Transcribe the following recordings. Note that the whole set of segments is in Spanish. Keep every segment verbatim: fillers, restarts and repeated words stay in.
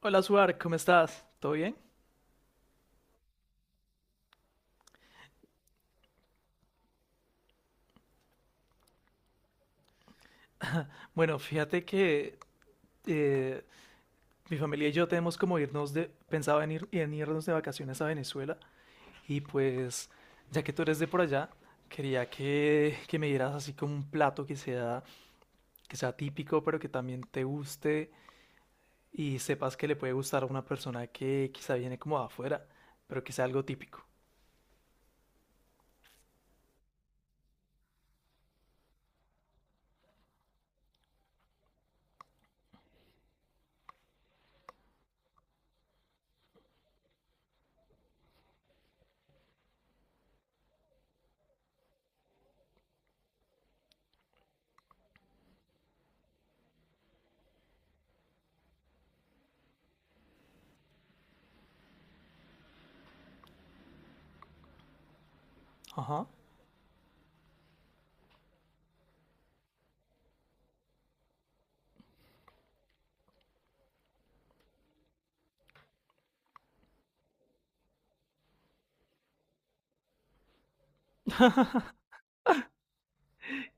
Hola, Suar, ¿cómo estás? ¿Todo bien? Bueno, fíjate que eh, mi familia y yo tenemos como irnos de, pensaba en, ir, en irnos de vacaciones a Venezuela y pues ya que tú eres de por allá, quería que, que me dieras así como un plato que sea, que sea típico pero que también te guste y sepas que le puede gustar a una persona que quizá viene como de afuera, pero que sea algo típico. Ajá.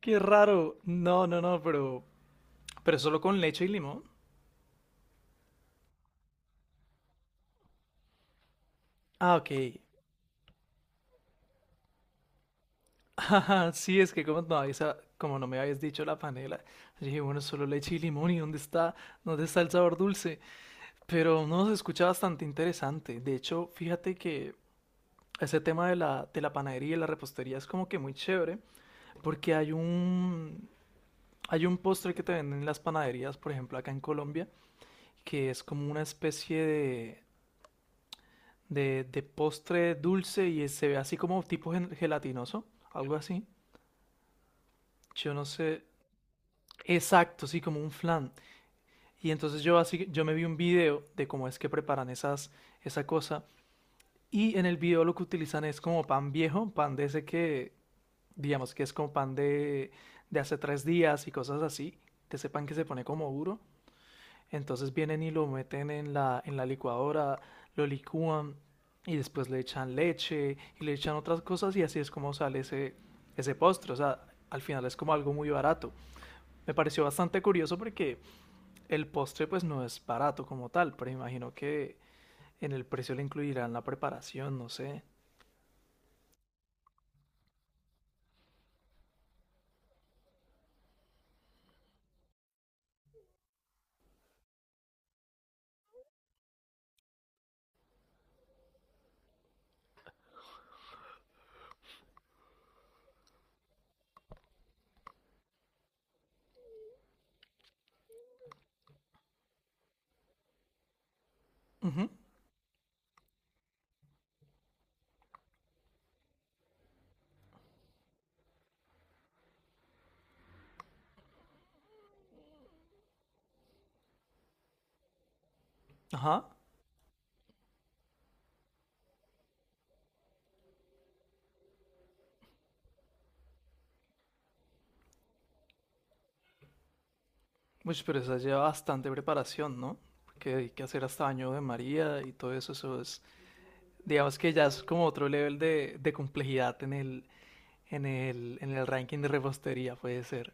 Qué raro. No, no, no, pero, pero solo con leche y limón. Ah, ok. Ajá, sí, es que como no, avisa- como no me habías dicho la panela, yo dije, bueno, solo leche y limón, ¿y dónde está, dónde está el sabor dulce? Pero no, se escucha bastante interesante. De hecho, fíjate que ese tema de la, de la panadería y la repostería es como que muy chévere, porque hay un, hay un postre que te venden en las panaderías, por ejemplo, acá en Colombia, que es como una especie de, de, de postre dulce y se ve así como tipo gen- gelatinoso, algo así. Yo no sé. Exacto, sí, como un flan. Y entonces yo así, yo me vi un video de cómo es que preparan esas, esa cosa. Y en el video lo que utilizan es como pan viejo, pan de ese que, digamos que es como pan de, de hace tres días y cosas así, de ese pan que se pone como duro. Entonces vienen y lo meten en la, en la licuadora, lo licúan y después le echan leche y le echan otras cosas y así es como sale ese, ese postre. O sea, al final es como algo muy barato. Me pareció bastante curioso porque el postre pues no es barato como tal, pero imagino que en el precio le incluirán la preparación, no sé. Ujú. Ajá. Pues pero esa lleva bastante preparación, ¿no? Porque hay que hacer hasta baño de María y todo eso, eso es, digamos que ya es como otro nivel de, de complejidad en el, en el, en el ranking de repostería, puede ser.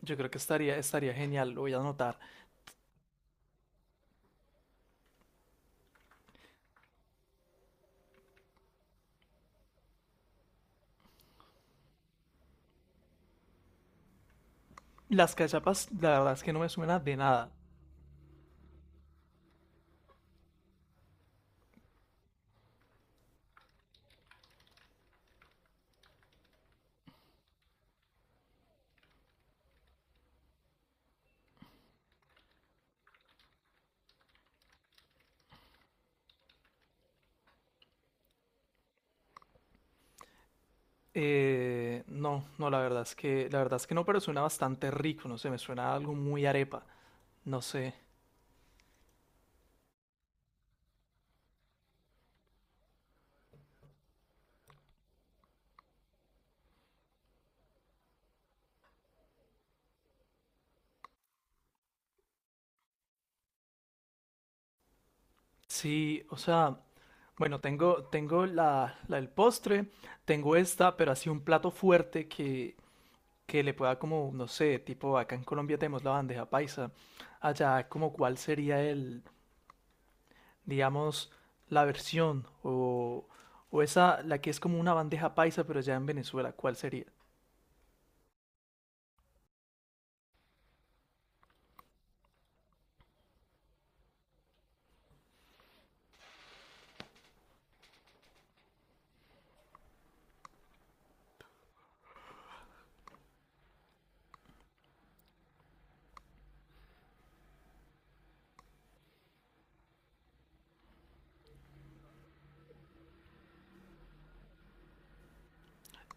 Yo creo que estaría, estaría genial, lo voy a anotar. Las cachapas, la verdad es que no me suena de nada. Eh, no, no, la verdad es que, la verdad es que no, pero suena bastante rico, no sé, me suena a algo muy arepa, no sé. Sí, o sea, bueno, tengo, tengo la, la del postre, tengo esta, pero así un plato fuerte que, que le pueda como, no sé, tipo acá en Colombia tenemos la bandeja paisa, allá como cuál sería el, digamos, la versión o, o esa, la que es como una bandeja paisa, pero allá en Venezuela, ¿cuál sería?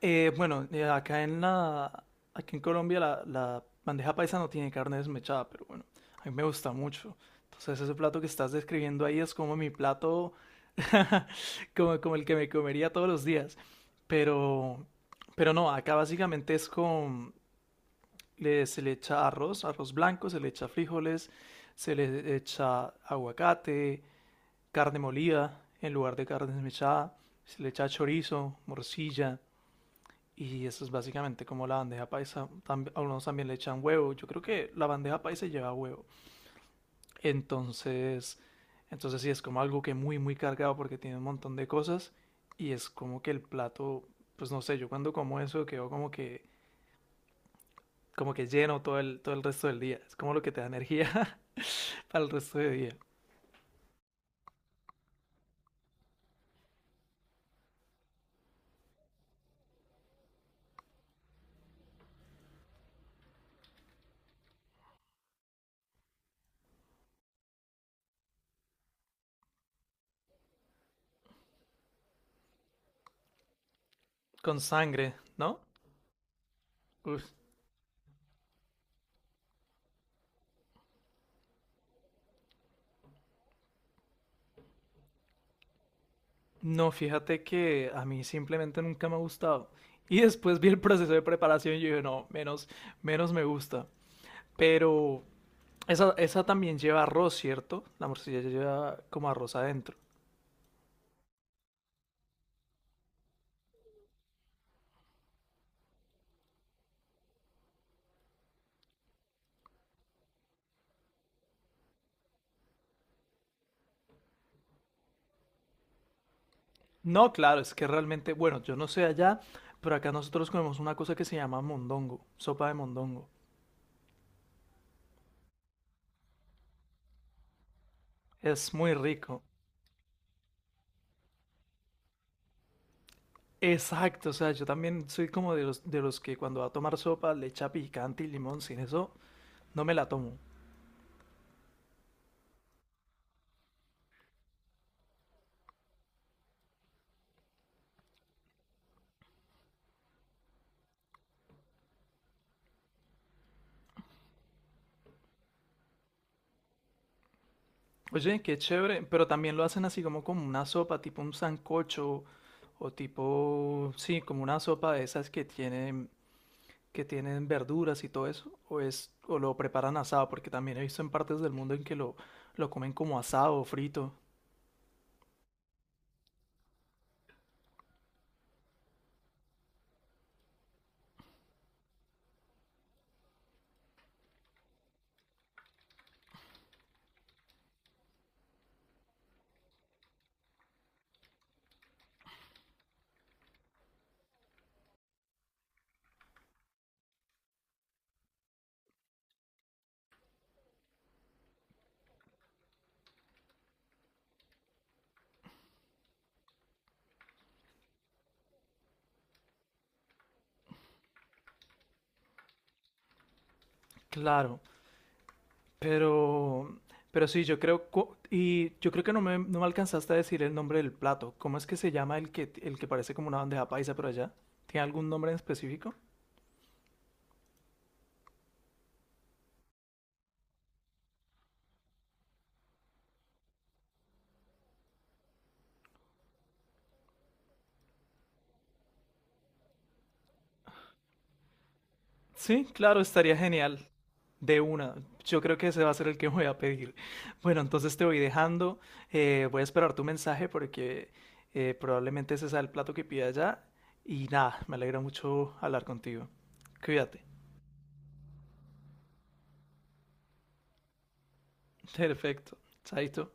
Eh, bueno, eh, acá en la, aquí en Colombia la, la bandeja paisa no tiene carne desmechada, pero bueno, a mí me gusta mucho. Entonces ese plato que estás describiendo ahí es como mi plato, como, como el que me comería todos los días. Pero, pero no, acá básicamente es con, le- se le echa arroz, arroz blanco, se le echa frijoles, se le echa aguacate, carne molida en lugar de carne desmechada, se le echa chorizo, morcilla. Y eso es básicamente como la bandeja paisa. También, algunos también le echan huevo. Yo creo que la bandeja paisa lleva huevo. Entonces, entonces sí, es como algo que muy, muy cargado porque tiene un montón de cosas. Y es como que el plato, pues no sé, yo cuando como eso quedo como que, como que lleno todo el, todo el resto del día. Es como lo que te da energía para el resto del día. Con sangre, ¿no? Uf. No, fíjate que a mí simplemente nunca me ha gustado. Y después vi el proceso de preparación y yo dije, no, menos, menos me gusta. Pero esa, esa también lleva arroz, ¿cierto? La morcilla ya lleva como arroz adentro. No, claro, es que realmente, bueno, yo no sé allá, pero acá nosotros comemos una cosa que se llama mondongo, sopa de mondongo. Es muy rico. Exacto, o sea, yo también soy como de los, de los que cuando va a tomar sopa le echa picante y limón, sin eso no me la tomo. Oye, qué chévere, pero también lo hacen así como como una sopa, tipo un sancocho o tipo, sí, como una sopa de esas que tienen que tienen verduras y todo eso, o es o lo preparan asado, porque también he visto en partes del mundo en que lo lo comen como asado o frito. Claro, pero pero sí, yo creo cu- y yo creo que no me no me alcanzaste a decir el nombre del plato. ¿Cómo es que se llama el que el que parece como una bandeja paisa por allá? ¿Tiene algún nombre en específico? Sí, claro, estaría genial. De una. Yo creo que ese va a ser el que voy a pedir. Bueno, entonces te voy dejando. Eh, voy a esperar tu mensaje porque eh, probablemente ese sea el plato que pida ya. Y nada, me alegra mucho hablar contigo. Cuídate. Perfecto. Chaito.